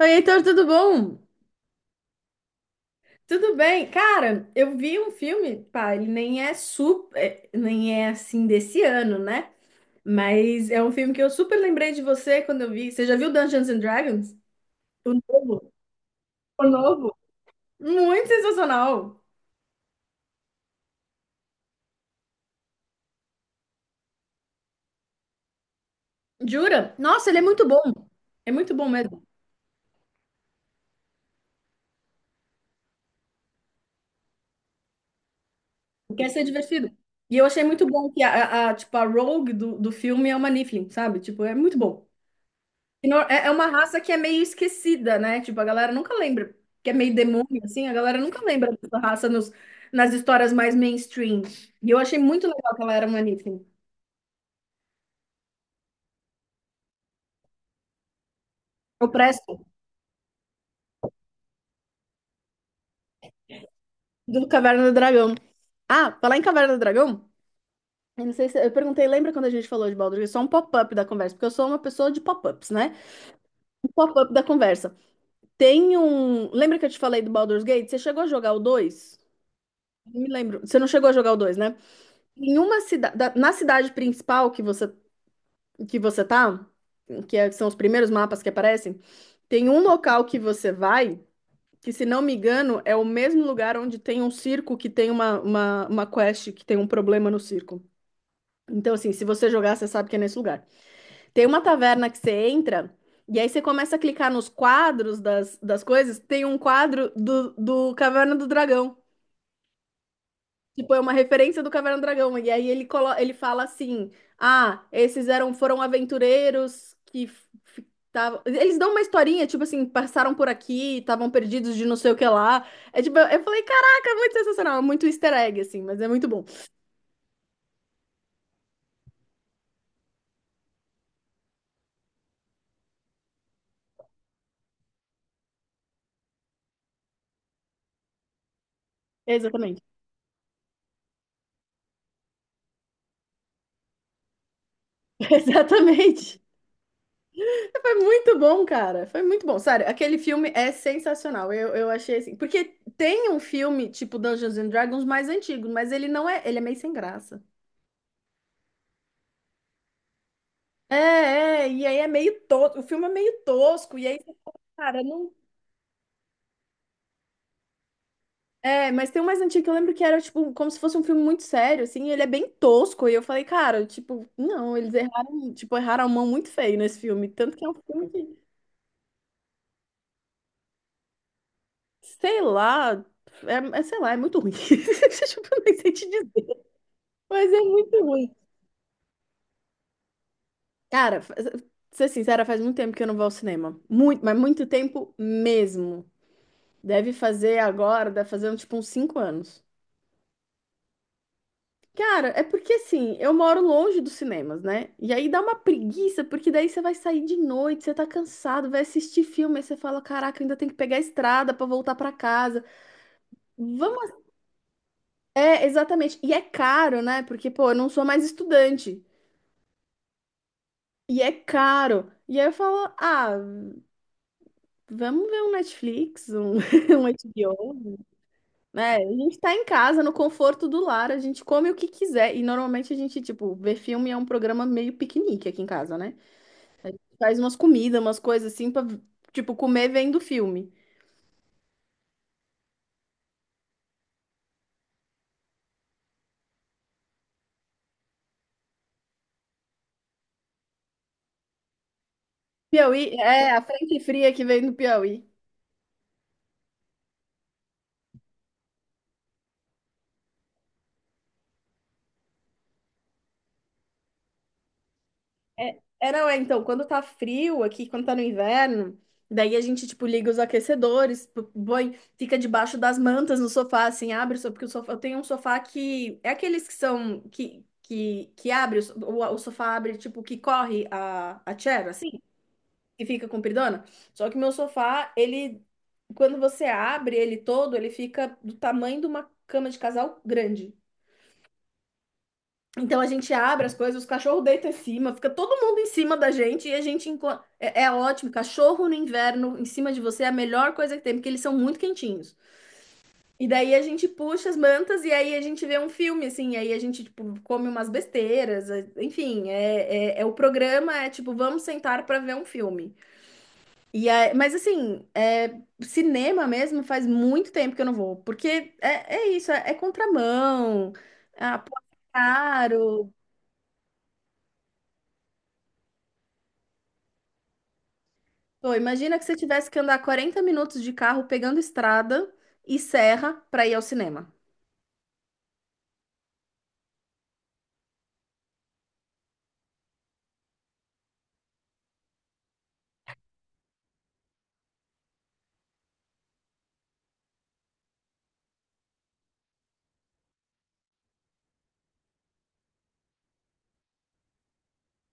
Oi, Heitor, tudo bom? Tudo bem? Cara, eu vi um filme, pá, ele nem é super, nem é assim desse ano, né? Mas é um filme que eu super lembrei de você quando eu vi. Você já viu Dungeons and Dragons? O novo? O novo? Muito sensacional. Jura? Nossa, ele é muito bom. É muito bom mesmo. Quer ser divertido. E eu achei muito bom que a, tipo, a Rogue do filme é uma Niflin, sabe? Tipo, é muito bom. Que não- É é uma raça que é meio esquecida, né? Tipo, a galera nunca lembra, que é meio demônio, assim, a galera nunca lembra dessa raça nas histórias mais mainstream. E eu achei muito legal que ela era uma Niffin. O Presto, do Caverna do Dragão. Ah, falar em Caverna do Dragão, eu não sei se... Eu perguntei, lembra quando a gente falou de Baldur's Gate? Só um pop-up da conversa, porque eu sou uma pessoa de pop-ups, né? Um pop-up da conversa. Lembra que eu te falei do Baldur's Gate? Você chegou a jogar o 2? Não me lembro. Você não chegou a jogar o 2, né? Na cidade principal que você tá, são os primeiros mapas que aparecem, tem um local que você vai, que se não me engano é o mesmo lugar onde tem um circo que tem uma quest que tem um problema no circo. Então, assim, se você jogar, você sabe que é nesse lugar. Tem uma taverna que você entra, e aí você começa a clicar nos quadros das coisas, tem um quadro do Caverna do Dragão. Tipo, é uma referência do Caverna do Dragão. E aí ele fala assim: ah, esses eram, foram aventureiros que eles dão uma historinha, tipo assim, passaram por aqui, estavam perdidos de não sei o que lá. É tipo, eu falei, caraca, é muito sensacional, é muito easter egg, assim, mas é muito bom. Exatamente. Exatamente. Foi muito bom, cara. Foi muito bom. Sério, aquele filme é sensacional. Eu achei assim. Porque tem um filme, tipo Dungeons and Dragons, mais antigo, mas ele não é. Ele é meio sem graça. É, e aí é meio tosco, o filme é meio tosco, e aí você fala, cara, não. É, mas tem um mais antigo que eu lembro que era, tipo, como se fosse um filme muito sério, assim, e ele é bem tosco, e eu falei, cara, tipo, não, eles erraram, tipo, erraram a mão muito feio nesse filme, tanto que é um filme que, sei lá, sei lá, é muito ruim, tipo, eu nem sei te dizer, mas é muito ruim. Cara, ser sincera, faz muito tempo que eu não vou ao cinema, muito, mas muito tempo mesmo, deve fazer agora, deve fazer, tipo, uns 5 anos. Cara, é porque assim, eu moro longe dos cinemas, né? E aí dá uma preguiça, porque daí você vai sair de noite, você tá cansado, vai assistir filme, aí você fala, caraca, ainda tem que pegar a estrada pra voltar pra casa. Vamos. É, exatamente. E é caro, né? Porque, pô, eu não sou mais estudante. E é caro. E aí eu falo, ah, vamos ver um Netflix, um, um HBO, né? A gente tá em casa, no conforto do lar, a gente come o que quiser. E normalmente a gente, tipo, ver filme é um programa meio piquenique aqui em casa, né? Faz umas comidas, umas coisas assim pra, tipo, comer vem do filme. Piauí, é a frente fria que vem do Piauí. É, é, não, é, então, quando tá frio aqui, quando tá no inverno, daí a gente, tipo, liga os aquecedores, põe, fica debaixo das mantas no sofá, assim, abre, só porque o sofá, eu tenho um sofá que, é aqueles que são, que abre, o, so- o sofá abre, tipo, que corre a chair, assim. E fica compridona. Só que meu sofá, ele, quando você abre ele todo, ele fica do tamanho de uma cama de casal grande. Então a gente abre as coisas, os cachorros deitam em cima, fica todo mundo em cima da gente e a gente é ótimo. Cachorro no inverno em cima de você é a melhor coisa que tem, porque eles são muito quentinhos. E daí a gente puxa as mantas e aí a gente vê um filme, assim, e aí a gente, tipo, come umas besteiras, enfim, é o programa, é tipo, vamos sentar para ver um filme. Mas assim, é, cinema mesmo faz muito tempo que eu não vou, porque é, é isso, é, é contramão, ah, pô, é caro. Pô, imagina que você tivesse que andar 40 minutos de carro pegando estrada e serra para ir ao cinema.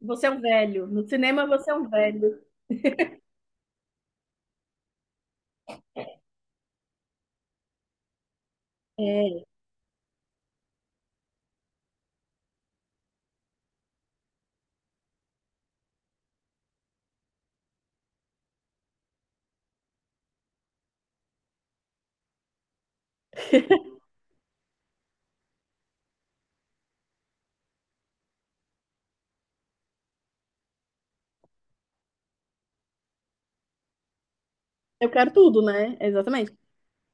Você é um velho. No cinema você é um velho. É, eu quero tudo, né? Exatamente.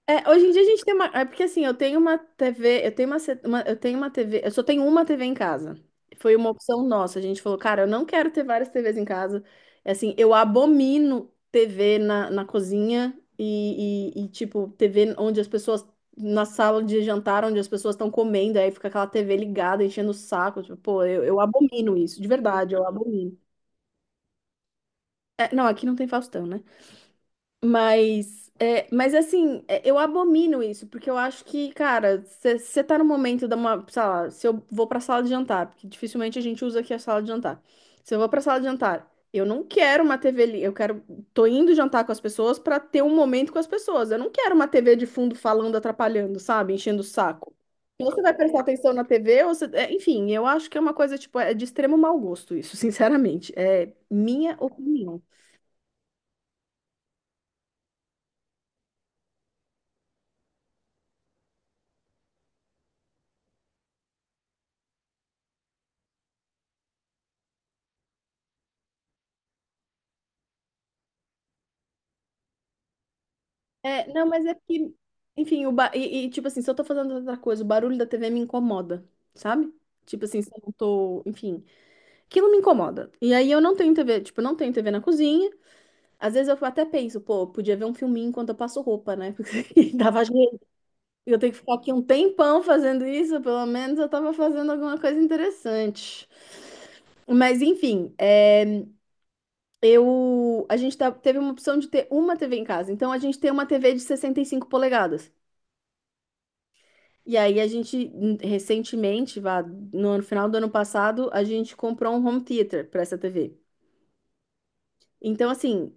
É, hoje em dia a gente tem uma. É porque assim, eu tenho uma TV, eu tenho uma, eu tenho uma TV, eu só tenho uma TV em casa. Foi uma opção nossa. A gente falou, cara, eu não quero ter várias TVs em casa. É, assim, eu abomino TV na cozinha tipo, TV onde as pessoas. Na sala de jantar, onde as pessoas estão comendo, aí fica aquela TV ligada, enchendo o saco. Tipo, pô, eu abomino isso, de verdade, eu abomino. É, não, aqui não tem Faustão, né? Mas, é, mas assim, é, eu abomino isso, porque eu acho que, cara, você tá no momento da uma, sei lá, se eu vou pra sala de jantar, porque dificilmente a gente usa aqui a sala de jantar. Se eu vou pra sala de jantar, eu não quero uma TV ali, eu quero, tô indo jantar com as pessoas pra ter um momento com as pessoas. Eu não quero uma TV de fundo falando, atrapalhando, sabe? Enchendo o saco. Ou você vai prestar atenção na TV, ou você... é, enfim, eu acho que é uma coisa, tipo, é de extremo mau gosto isso, sinceramente. É minha opinião. É, não, mas é que, enfim, tipo assim, se eu tô fazendo outra coisa, o barulho da TV me incomoda, sabe? Tipo assim, se eu não tô, enfim, aquilo me incomoda. E aí eu não tenho TV, tipo, eu não tenho TV na cozinha. Às vezes eu até penso, pô, eu podia ver um filminho enquanto eu passo roupa, né? Porque dava jeito. Eu tenho que ficar aqui um tempão fazendo isso, pelo menos eu tava fazendo alguma coisa interessante. Mas enfim, é, eu a gente tá- teve uma opção de ter uma TV em casa. Então a gente tem uma TV de 65 polegadas. E aí a gente recentemente, vá, no final do ano passado, a gente comprou um home theater para essa TV. Então assim,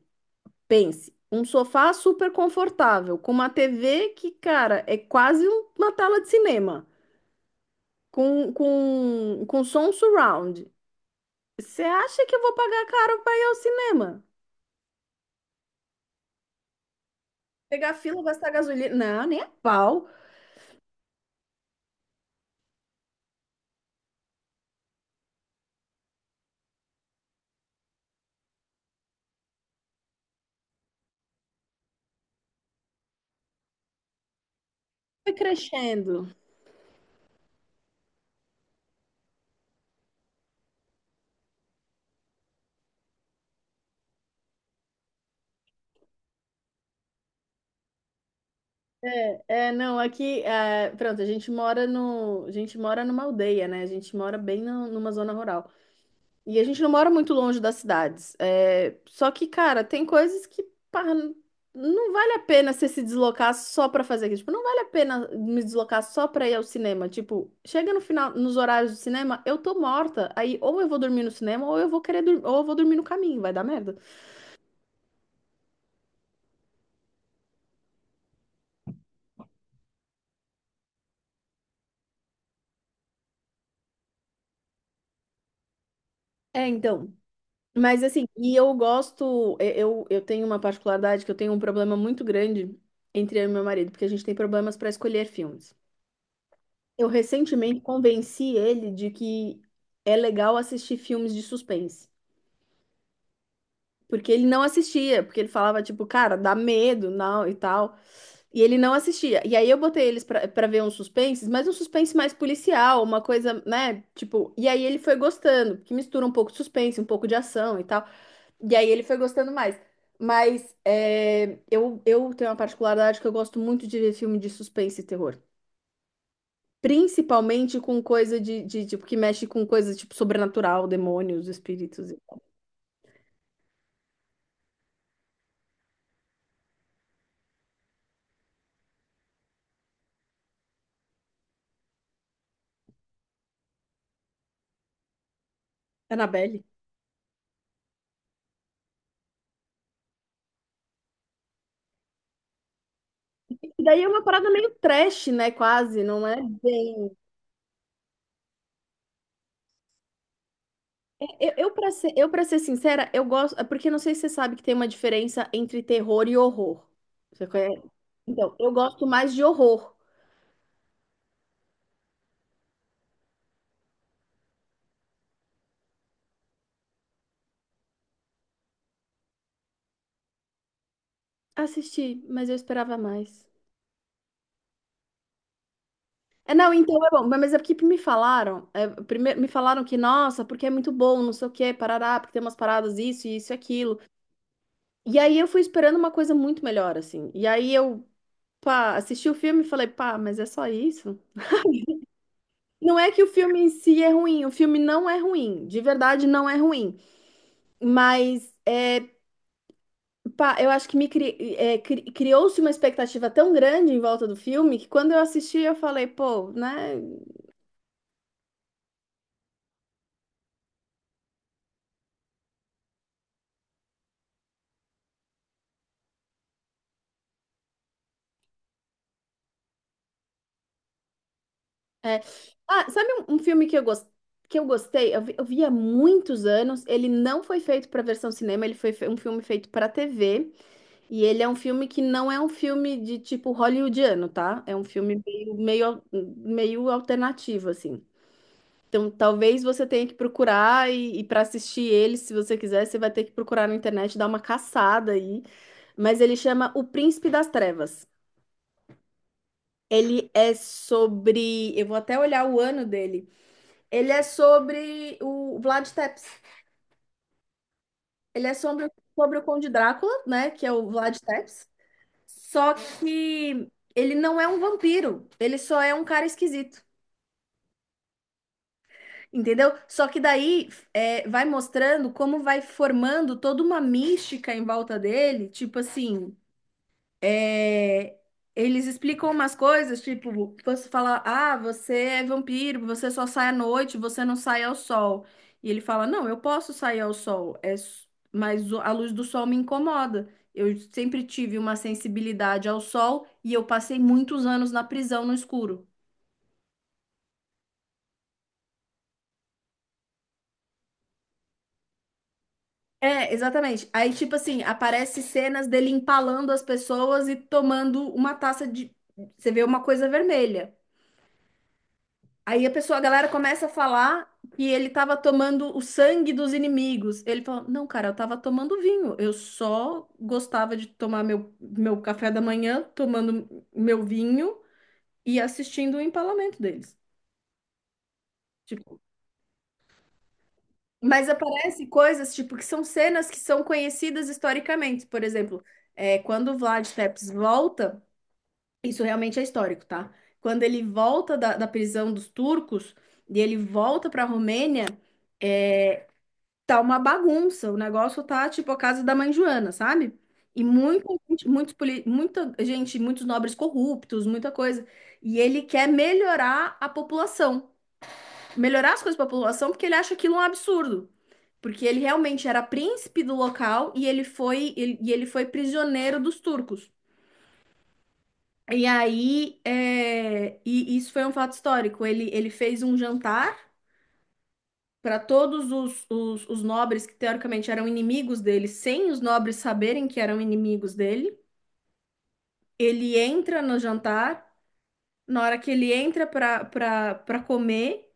pense, um sofá super confortável, com uma TV que, cara, é quase uma tela de cinema, com com som surround. Você acha que eu vou pagar caro para ir ao cinema? Pegar fila, gastar gasolina? Não, nem a pau. Foi crescendo. É, é, não, aqui, é, pronto, a gente mora no, a gente mora numa aldeia, né? A gente mora bem numa zona rural. E a gente não mora muito longe das cidades. É, só que, cara, tem coisas que, pá, não vale a pena você se deslocar só pra fazer aquilo. Tipo, não vale a pena me deslocar só pra ir ao cinema. Tipo, chega no final, nos horários do cinema, eu tô morta. Aí ou eu vou dormir no cinema, ou eu vou querer dormir, ou eu vou dormir no caminho, vai dar merda. É, então. Mas assim, e eu gosto, eu tenho uma particularidade que eu tenho um problema muito grande entre eu e meu marido, porque a gente tem problemas para escolher filmes. Eu recentemente convenci ele de que é legal assistir filmes de suspense, porque ele não assistia, porque ele falava tipo, cara, dá medo, não, e tal, e ele não assistia. E aí eu botei eles para ver uns suspenses, mas um suspense mais policial, uma coisa, né, tipo, e aí ele foi gostando, que mistura um pouco de suspense, um pouco de ação e tal. E aí ele foi gostando mais. Mas é, eu tenho uma particularidade que eu gosto muito de ver filme de suspense e terror. Principalmente com coisa tipo, que mexe com coisa, tipo, sobrenatural, demônios, espíritos. Annabelle. E daí é uma parada meio trash, né? Quase, não é bem... para ser sincera, eu gosto... É porque não sei se você sabe que tem uma diferença entre terror e horror. Você conhece? Então, eu gosto mais de horror. Assisti, mas eu esperava mais. É, não, então é bom, mas é porque me falaram, primeiro me falaram que, nossa, porque é muito bom, não sei o quê, parará, porque tem umas paradas isso, isso e aquilo. E aí eu fui esperando uma coisa muito melhor, assim. E aí eu, pá, assisti o filme e falei, pá, mas é só isso? Não é que o filme em si é ruim, o filme não é ruim, de verdade não é ruim. Mas, pá, eu acho que me cri- é, cri- criou-se uma expectativa tão grande em volta do filme que quando eu assisti eu falei, pô, né? É. Ah, sabe um filme que que eu gostei? Eu vi há muitos anos. Ele não foi feito para versão cinema, um filme feito para TV. E ele é um filme que não é um filme de tipo hollywoodiano, tá? É um filme meio, meio alternativo, assim. Então, talvez você tenha que procurar e para assistir ele, se você quiser, você vai ter que procurar na internet, dar uma caçada aí. Mas ele chama O Príncipe das Trevas. Ele é sobre. Eu vou até olhar o ano dele. Ele é sobre o Vlad Tepes. Ele é sobre o Conde Drácula, né? Que é o Vlad Tepes. Só que ele não é um vampiro. Ele só é um cara esquisito. Entendeu? Só que daí vai mostrando como vai formando toda uma mística em volta dele. Tipo assim. é, eles explicam umas coisas, tipo, você fala, ah, você é vampiro, você só sai à noite, você não sai ao sol. E ele fala, não, eu posso sair ao sol, mas a luz do sol me incomoda. Eu sempre tive uma sensibilidade ao sol e eu passei muitos anos na prisão no escuro. É, exatamente. Aí, tipo assim, aparece cenas dele empalando as pessoas e tomando uma taça de. Você vê uma coisa vermelha. Aí a pessoa, a galera começa a falar que ele estava tomando o sangue dos inimigos. Ele falou: Não, cara, eu estava tomando vinho. Eu só gostava de tomar meu café da manhã, tomando meu vinho e assistindo o empalamento deles. Tipo, mas aparecem coisas tipo que são cenas que são conhecidas historicamente. Por exemplo, quando o Vlad Tepes volta, isso realmente é histórico, tá? Quando ele volta da prisão dos turcos e ele volta para a Romênia. É, tá uma bagunça, o negócio tá tipo a casa da mãe Joana, sabe? E muita gente, muita gente, muitos nobres corruptos, muita coisa. E ele quer melhorar a população, melhorar as coisas para a população, porque ele acha aquilo um absurdo. Porque ele realmente era príncipe do local e e ele foi prisioneiro dos turcos. E aí, e isso foi um fato histórico. Ele fez um jantar para todos os nobres que teoricamente eram inimigos dele, sem os nobres saberem que eram inimigos dele. Ele entra no jantar, na hora que ele entra para comer,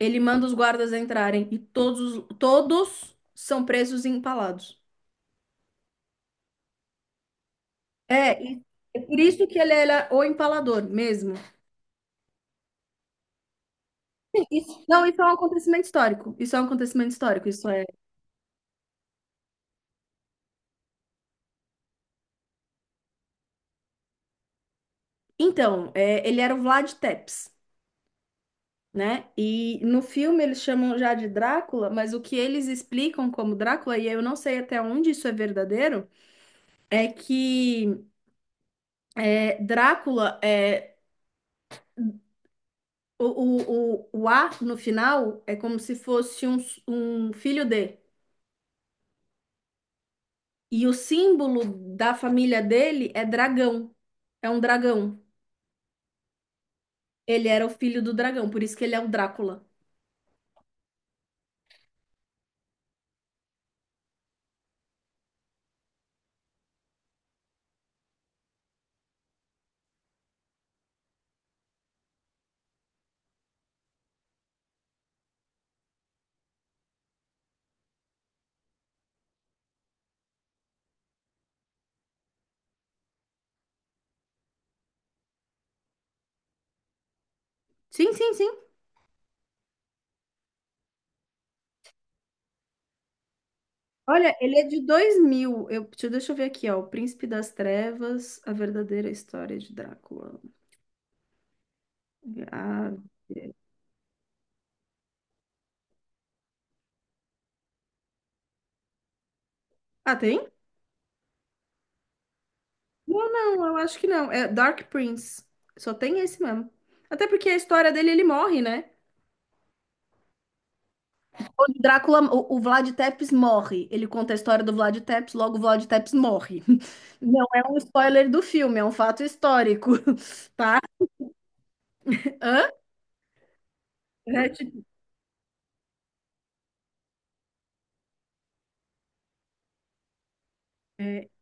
ele manda os guardas entrarem e todos são presos e empalados. É, e é por isso que ele era o empalador mesmo. Não, isso é um acontecimento histórico. Isso é um acontecimento histórico, isso é. Então, ele era o Vlad Tepes. Né? E no filme eles chamam já de Drácula, mas o que eles explicam como Drácula, e eu não sei até onde isso é verdadeiro, é que Drácula é o A no final é como se fosse um filho de. E o símbolo da família dele é dragão. É um dragão. Ele era o filho do dragão, por isso que ele é o Drácula. Sim, sim, sim. Olha, ele é de 2000. Eu, deixa deixa eu ver aqui, ó. O Príncipe das Trevas, A Verdadeira História de Drácula. Ah, ah, tem? Não, não, eu acho que não. É Dark Prince. Só tem esse mesmo. Até porque a história dele, ele morre, né? Quando Drácula, o Vlad Tepes morre. Ele conta a história do Vlad Tepes, logo o Vlad Tepes morre. Não é um spoiler do filme, é um fato histórico. Hã? É, tipo,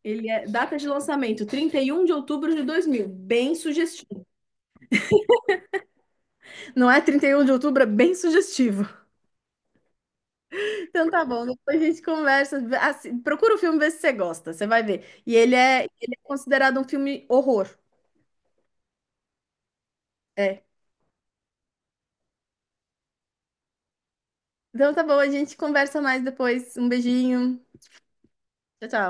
ele é data de lançamento, 31 de outubro de 2000. Bem sugestivo. Não é 31 de outubro, é bem sugestivo. Então tá bom, depois a gente conversa. Procura o filme, vê se você gosta, você vai ver. E ele é considerado um filme horror. É. Então tá bom, a gente conversa mais depois. Um beijinho. Tchau, tchau.